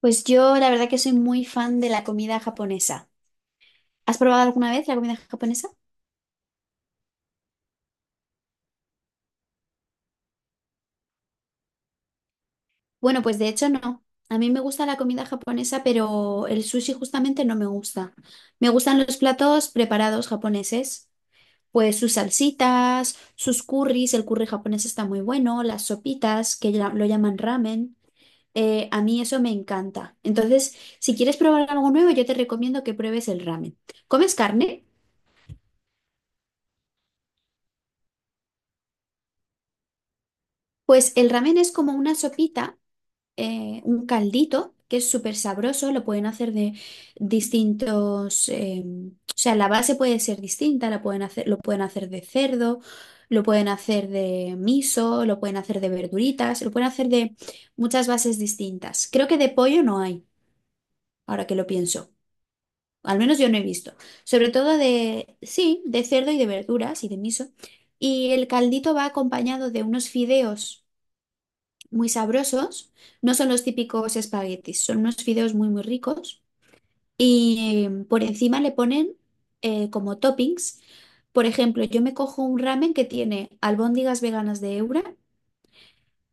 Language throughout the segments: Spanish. Pues yo la verdad que soy muy fan de la comida japonesa. ¿Has probado alguna vez la comida japonesa? Bueno, pues de hecho no. A mí me gusta la comida japonesa, pero el sushi justamente no me gusta. Me gustan los platos preparados japoneses, pues sus salsitas, sus curries, el curry japonés está muy bueno, las sopitas, que lo llaman ramen. A mí eso me encanta. Entonces, si quieres probar algo nuevo, yo te recomiendo que pruebes el ramen. ¿Comes carne? Pues el ramen es como una sopita un caldito que es súper sabroso, lo pueden hacer de distintos, o sea, la base puede ser distinta, lo pueden hacer de cerdo, lo pueden hacer de miso, lo pueden hacer de verduritas, lo pueden hacer de muchas bases distintas. Creo que de pollo no hay, ahora que lo pienso. Al menos yo no he visto. Sobre todo de, sí, de cerdo y de verduras y de miso. Y el caldito va acompañado de unos fideos muy sabrosos. No son los típicos espaguetis, son unos fideos muy, muy ricos. Y por encima le ponen como toppings. Por ejemplo, yo me cojo un ramen que tiene albóndigas veganas de Eura,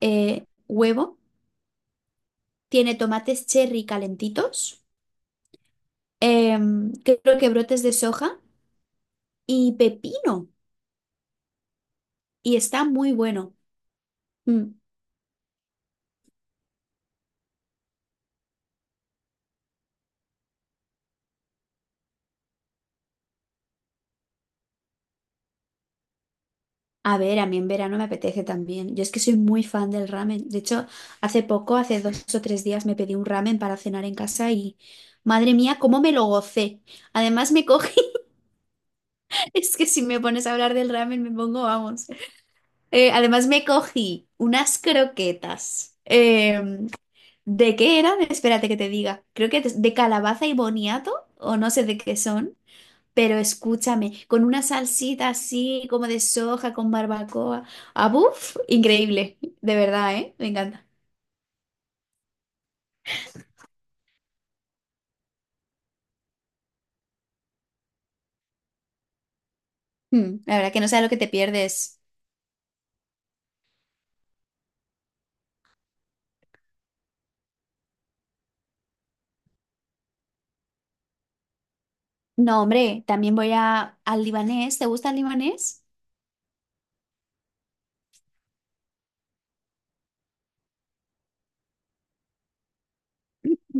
huevo, tiene tomates cherry calentitos, creo que brotes de soja y pepino. Y está muy bueno. Mm. A ver, a mí en verano me apetece también. Yo es que soy muy fan del ramen. De hecho, hace poco, hace dos o tres días, me pedí un ramen para cenar en casa y madre mía, cómo me lo gocé. Además me cogí, es que si me pones a hablar del ramen me pongo, vamos. Además me cogí unas croquetas. ¿de qué eran? Espérate que te diga. Creo que de calabaza y boniato o no sé de qué son. Pero escúchame, con una salsita así como de soja con barbacoa. Ah, buf, increíble, de verdad, ¿eh? Me encanta. Mm, la verdad que no sabes lo que te pierdes. No, hombre, también al libanés. ¿Te gusta el libanés?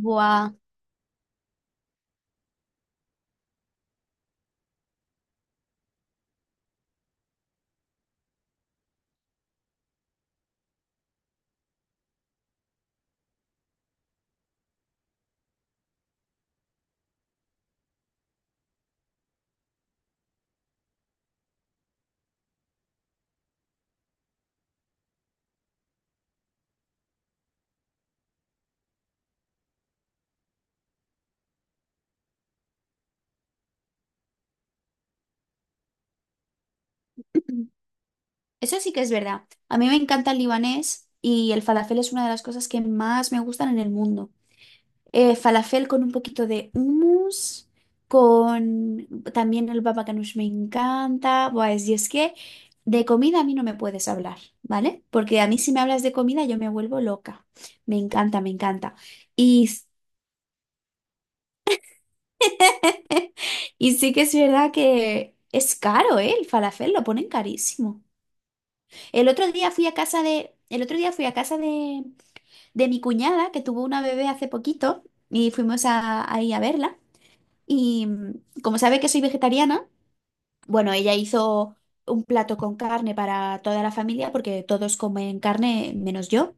Buah. Eso sí que es verdad. A mí me encanta el libanés y el falafel es una de las cosas que más me gustan en el mundo. Falafel con un poquito de hummus, con también el baba ganoush me encanta. Y es que de comida a mí no me puedes hablar, ¿vale? Porque a mí si me hablas de comida yo me vuelvo loca. Me encanta, me encanta. Y, y sí que es verdad que es caro, ¿eh? El falafel lo ponen carísimo. El otro día fui a casa de mi cuñada que tuvo una bebé hace poquito y fuimos a, ahí a verla. Y mm, como sabe que soy vegetariana, bueno, ella hizo un plato con carne para toda la familia porque todos comen carne menos yo.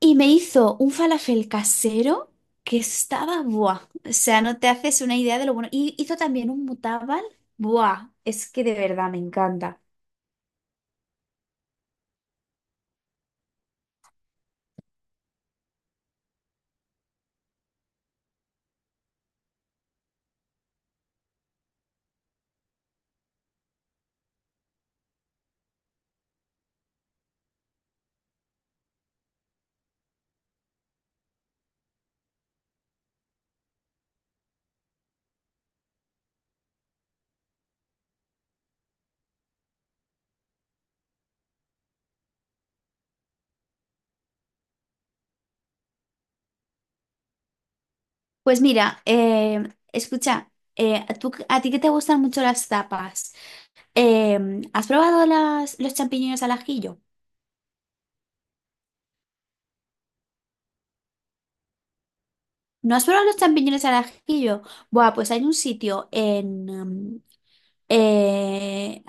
Y me hizo un falafel casero que estaba, buah, o sea, no te haces una idea de lo bueno. Y hizo también un mutabal, buah, es que de verdad me encanta. Pues mira, escucha, ¿ a ti que te gustan mucho las tapas, ¿has probado los champiñones al ajillo? ¿No has probado los champiñones al ajillo? Buah, pues hay un sitio en... mm, eh,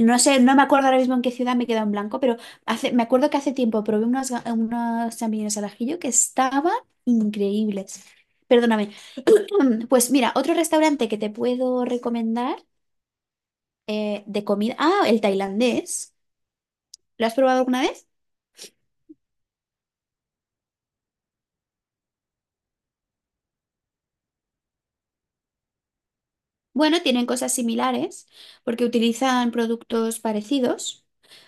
no sé, no me acuerdo ahora mismo en qué ciudad me he quedado en blanco, pero me acuerdo que hace tiempo probé unos champiñones al ajillo que estaban increíbles. Perdóname. Pues mira, otro restaurante que te puedo recomendar de comida. Ah, el tailandés. ¿Lo has probado alguna vez? Bueno, tienen cosas similares porque utilizan productos parecidos,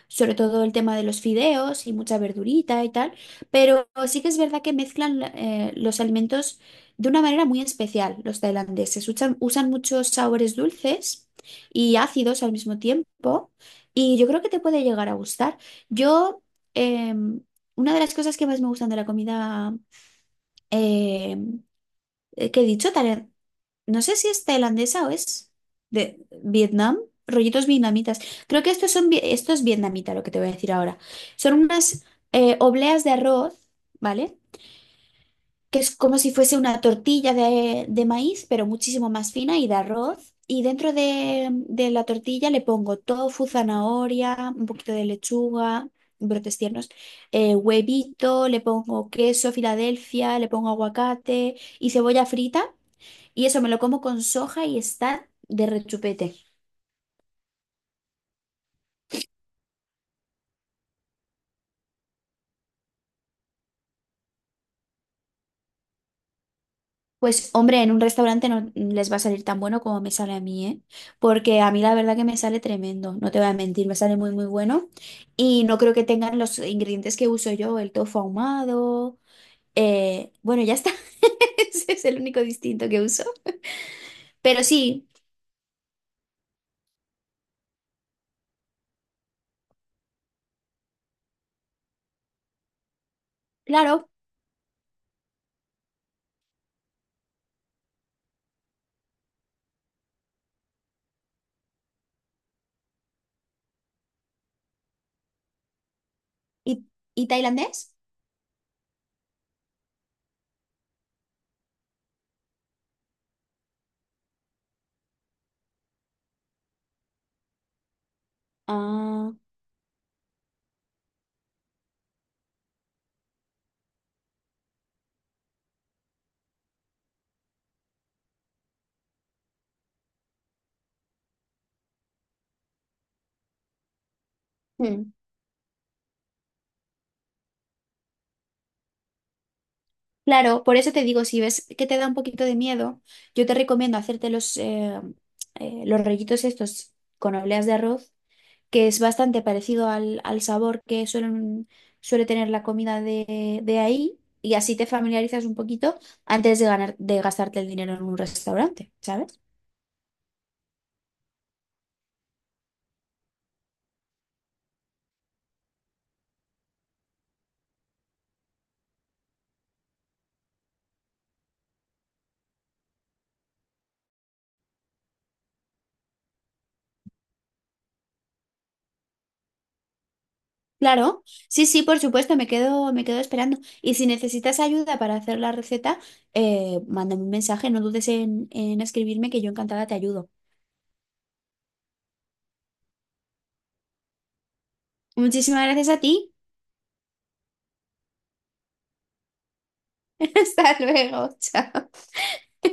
sobre todo el tema de los fideos y mucha verdurita y tal, pero sí que es verdad que mezclan los alimentos de una manera muy especial los tailandeses. Usan muchos sabores dulces y ácidos al mismo tiempo y yo creo que te puede llegar a gustar. Yo, em, una de las cosas que más me gustan de la comida em, que he dicho, no sé si es tailandesa o es de Vietnam, rollitos vietnamitas. Creo que estos son, vi- Esto es vietnamita lo que te voy a decir ahora. Son unas obleas de arroz, ¿vale? Que es como si fuese una tortilla de maíz, pero muchísimo más fina y de arroz. Y dentro de la tortilla le pongo tofu, zanahoria, un poquito de lechuga, brotes tiernos, huevito, le pongo queso, Filadelfia, le pongo aguacate y cebolla frita. Y eso me lo como con soja y está de rechupete. Pues hombre, en un restaurante no les va a salir tan bueno como me sale a mí, ¿eh? Porque a mí la verdad que me sale tremendo, no te voy a mentir, me sale muy muy bueno y no creo que tengan los ingredientes que uso yo, el tofu ahumado, bueno, ya está, ese es el único distinto que uso. Pero sí, claro, ¿y, y tailandés? Ah, hmm. Claro, por eso te digo, si ves que te da un poquito de miedo, yo te recomiendo hacerte los rollitos estos con obleas de arroz, que es bastante parecido al sabor que suele tener la comida de ahí, y así te familiarizas un poquito antes de gastarte el dinero en un restaurante, ¿sabes? Claro, sí, sí, por supuesto, me quedo esperando. Y si necesitas ayuda para hacer la receta, mándame un mensaje, no dudes en escribirme que yo encantada te ayudo. Muchísimas gracias a ti. Hasta luego, chao.